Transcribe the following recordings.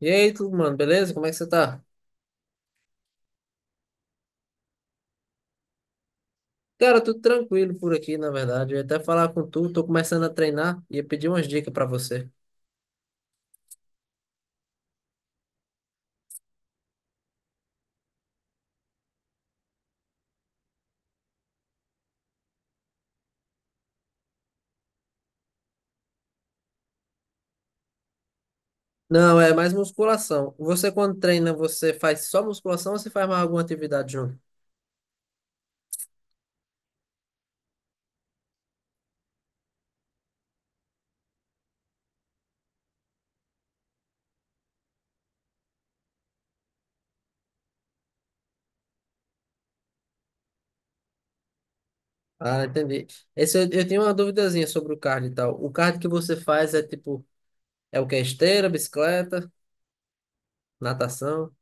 E aí, tudo, mano, beleza? Como é que você tá? Cara, tudo tranquilo por aqui, na verdade. Eu ia até falar com tu, tô começando a treinar e ia pedir umas dicas pra você. Não, é mais musculação. Você quando treina, você faz só musculação ou você faz mais alguma atividade junto? Ah, entendi. Eu tenho uma duvidazinha sobre o cardio e tal. O cardio que você faz é tipo, é o que? Esteira, bicicleta, natação?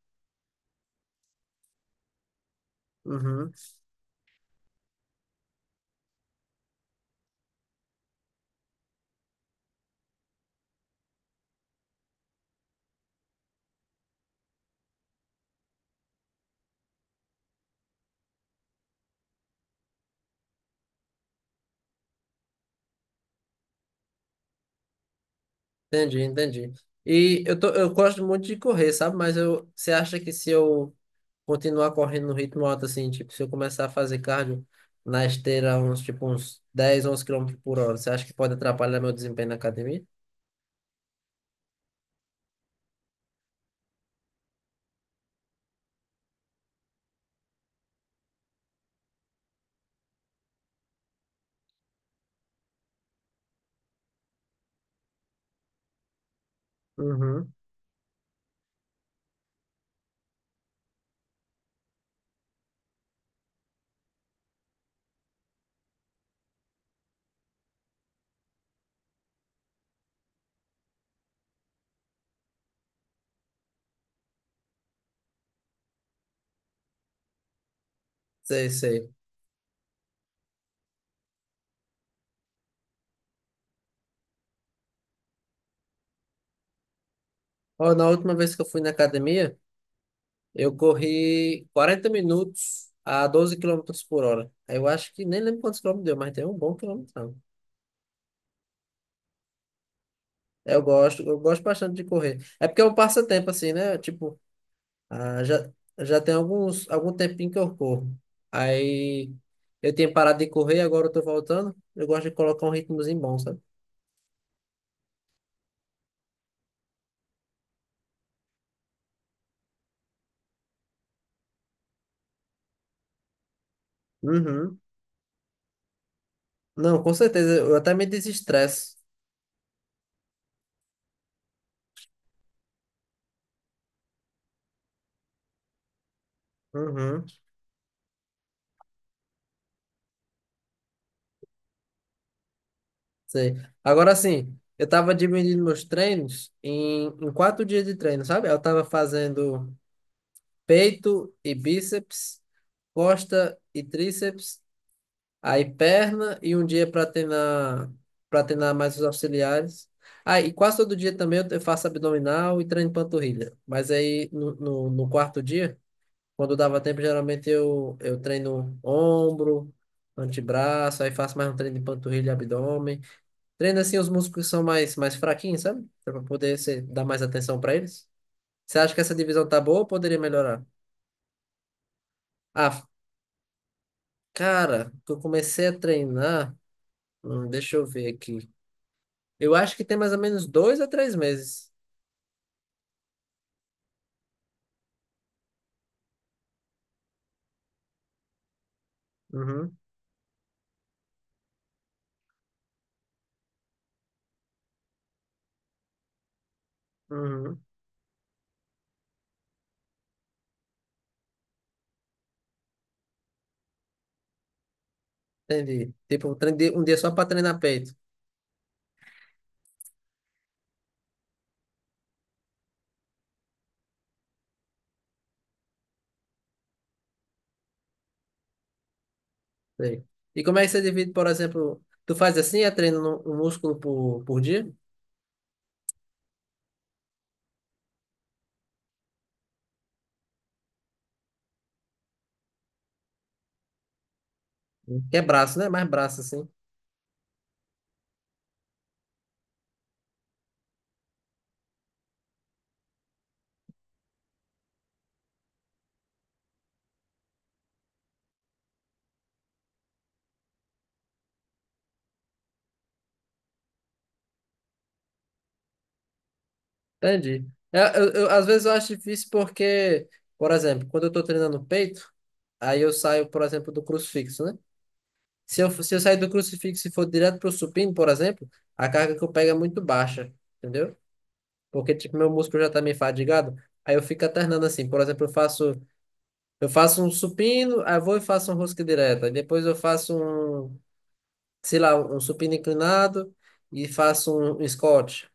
Uhum. Entendi, entendi. E eu gosto muito de correr, sabe? Você acha que se eu continuar correndo no ritmo alto, assim, tipo, se eu começar a fazer cardio na esteira, tipo, uns 10 11 quilômetros por hora, você acha que pode atrapalhar meu desempenho na academia? Uhum. Sei, sei. Ó, na última vez que eu fui na academia, eu corri 40 minutos a 12 quilômetros por hora. Aí eu acho que nem lembro quantos quilômetros deu, mas tem um bom quilômetro. Eu gosto bastante de correr. É porque é um passatempo, assim, né? Tipo, ah, já tem algum tempinho que eu corro. Aí eu tinha parado de correr, agora eu tô voltando. Eu gosto de colocar um ritmozinho bom, sabe? Uhum. Não, com certeza. Eu até me desestresso. Uhum. Sei. Agora sim, eu tava dividindo meus treinos em 4 dias de treino, sabe? Eu tava fazendo peito e bíceps, costa e tríceps. Aí perna e um dia para treinar mais os auxiliares. Aí e quase todo dia também eu faço abdominal e treino panturrilha. Mas aí no quarto dia, quando dava tempo, geralmente eu treino ombro, antebraço, aí faço mais um treino de panturrilha e abdômen. Treino assim os músculos que são mais fraquinhos, sabe? Para poder dar mais atenção para eles. Você acha que essa divisão tá boa ou poderia melhorar? Ah, cara, que eu comecei a treinar. Deixa eu ver aqui. Eu acho que tem mais ou menos 2 a 3 meses. Uhum, uhum. Entendi. Tipo, um treino de um dia só para treinar peito. Sei. E como é que você divide, por exemplo, tu faz assim, é treino um músculo por dia? Que é braço, né? Mais braço, assim. Entendi. Às vezes eu acho difícil porque, por exemplo, quando eu tô treinando peito, aí eu saio, por exemplo, do crucifixo, né? Se eu sair do crucifixo e for direto pro supino, por exemplo, a carga que eu pego é muito baixa, entendeu? Porque tipo meu músculo já tá meio fadigado, aí eu fico alternando assim, por exemplo, eu faço um supino, aí eu vou e faço um rosca direta, aí depois eu faço um, sei lá, um supino inclinado e faço um squat.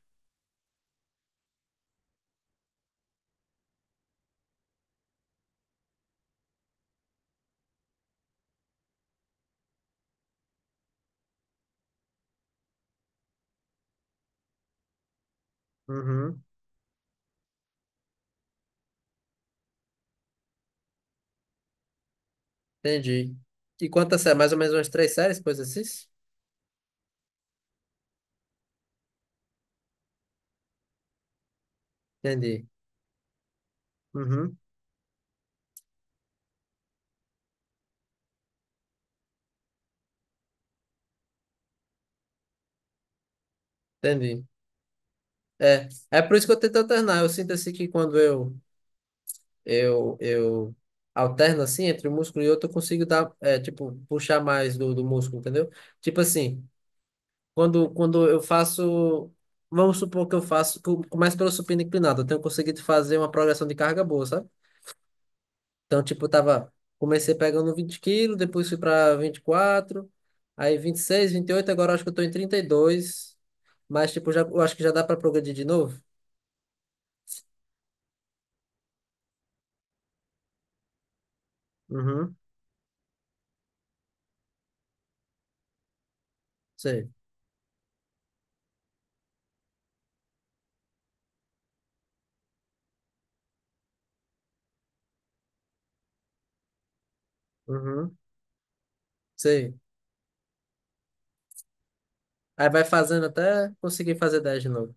Uhum, entendi. E quantas séries? Mais ou menos umas 3 séries, coisa assim? Entendi. Uhum, entendi. É por isso que eu tento alternar. Eu sinto assim que quando eu eu eu alterno assim entre um músculo e outro, eu consigo dar, é, tipo, puxar mais do músculo, entendeu? Tipo assim, quando eu faço, vamos supor que eu começo pelo supino inclinado, eu tenho conseguido fazer uma progressão de carga boa, sabe? Então, tipo, comecei pegando 20 quilos, depois fui para 24, aí vinte, 26, 28, agora eu acho que eu tô em 32, mas, tipo, já, eu acho que já dá para progredir de novo. Uhum, sei, uhum, sei. Aí vai fazendo até conseguir fazer 10 de novo.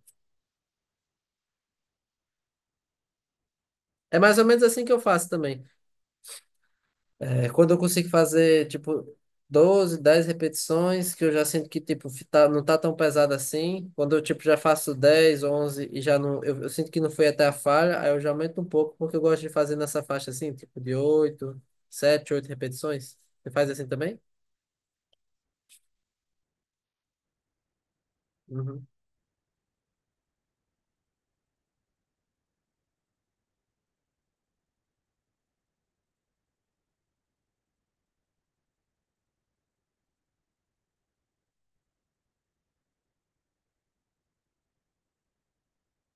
É mais ou menos assim que eu faço também. É, quando eu consigo fazer, tipo, 12, 10 repetições, que eu já sinto que, tipo, tá, não tá tão pesado assim. Quando eu, tipo, já faço 10, 11 e já não... Eu sinto que não foi até a falha, aí eu já aumento um pouco, porque eu gosto de fazer nessa faixa, assim, tipo, de 8 7 8 repetições. Você faz assim também? Uhum.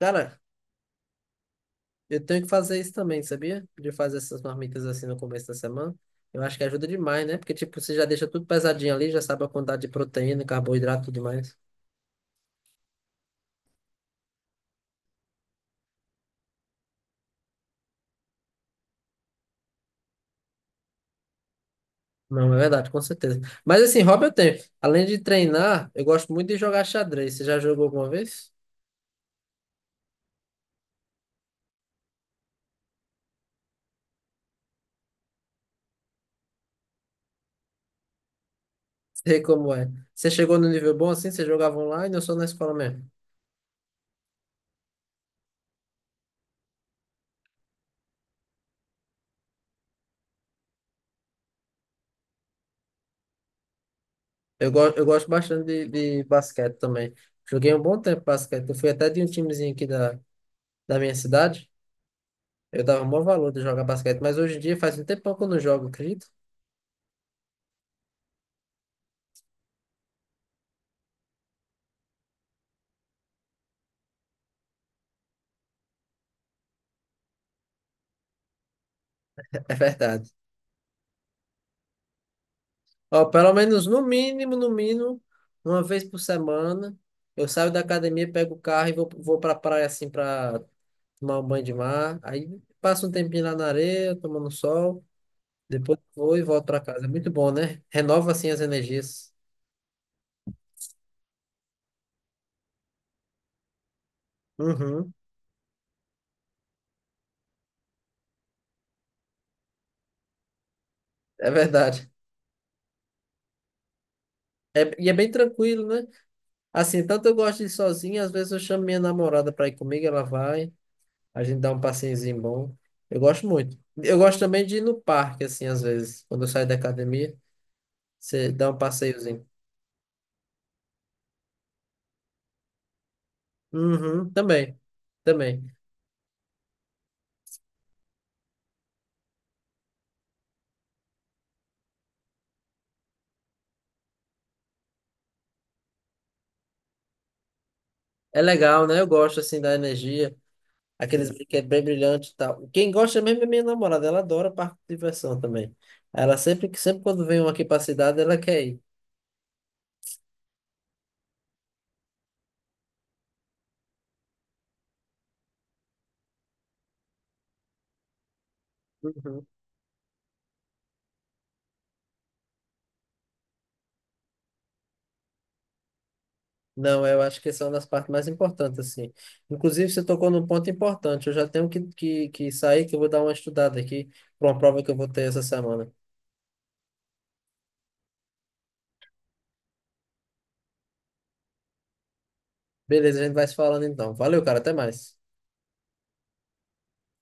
Cara, eu tenho que fazer isso também, sabia? De fazer essas marmitas assim no começo da semana. Eu acho que ajuda demais, né? Porque, tipo, você já deixa tudo pesadinho ali, já sabe a quantidade de proteína, carboidrato e tudo mais. Não, é verdade, com certeza. Mas assim, hobby eu tenho. Além de treinar, eu gosto muito de jogar xadrez. Você já jogou alguma vez? Sei como é. Você chegou no nível bom assim? Você jogava online ou só na escola mesmo? Eu gosto bastante de basquete também. Joguei um bom tempo basquete. Eu fui até de um timezinho aqui da minha cidade. Eu dava o maior valor de jogar basquete. Mas hoje em dia faz um tempão que eu não jogo, acredito. É verdade. Ó, pelo menos no mínimo, no mínimo, uma vez por semana. Eu saio da academia, pego o carro e vou pra praia assim pra tomar um banho de mar. Aí passa um tempinho lá na areia, tomando sol. Depois vou e volto pra casa. É muito bom, né? Renova assim as energias. Uhum, é verdade. E é bem tranquilo, né? Assim, tanto eu gosto de ir sozinho, às vezes eu chamo minha namorada pra ir comigo, ela vai, a gente dá um passeiozinho bom. Eu gosto muito. Eu gosto também de ir no parque, assim, às vezes. Quando eu saio da academia, você dá um passeiozinho. Uhum, também, também. É legal, né? Eu gosto, assim, da energia. Aqueles brinquedos bem brilhantes e tal. Quem gosta mesmo é minha namorada, ela adora parque de diversão também. Ela sempre quando vem um aqui para cidade, ela quer ir. Uhum. Não, eu acho que essa é uma das partes mais importantes, assim. Inclusive, você tocou num ponto importante. Eu já tenho que, sair, que eu vou dar uma estudada aqui para uma prova que eu vou ter essa semana. Beleza, a gente vai se falando então. Valeu, cara, até mais.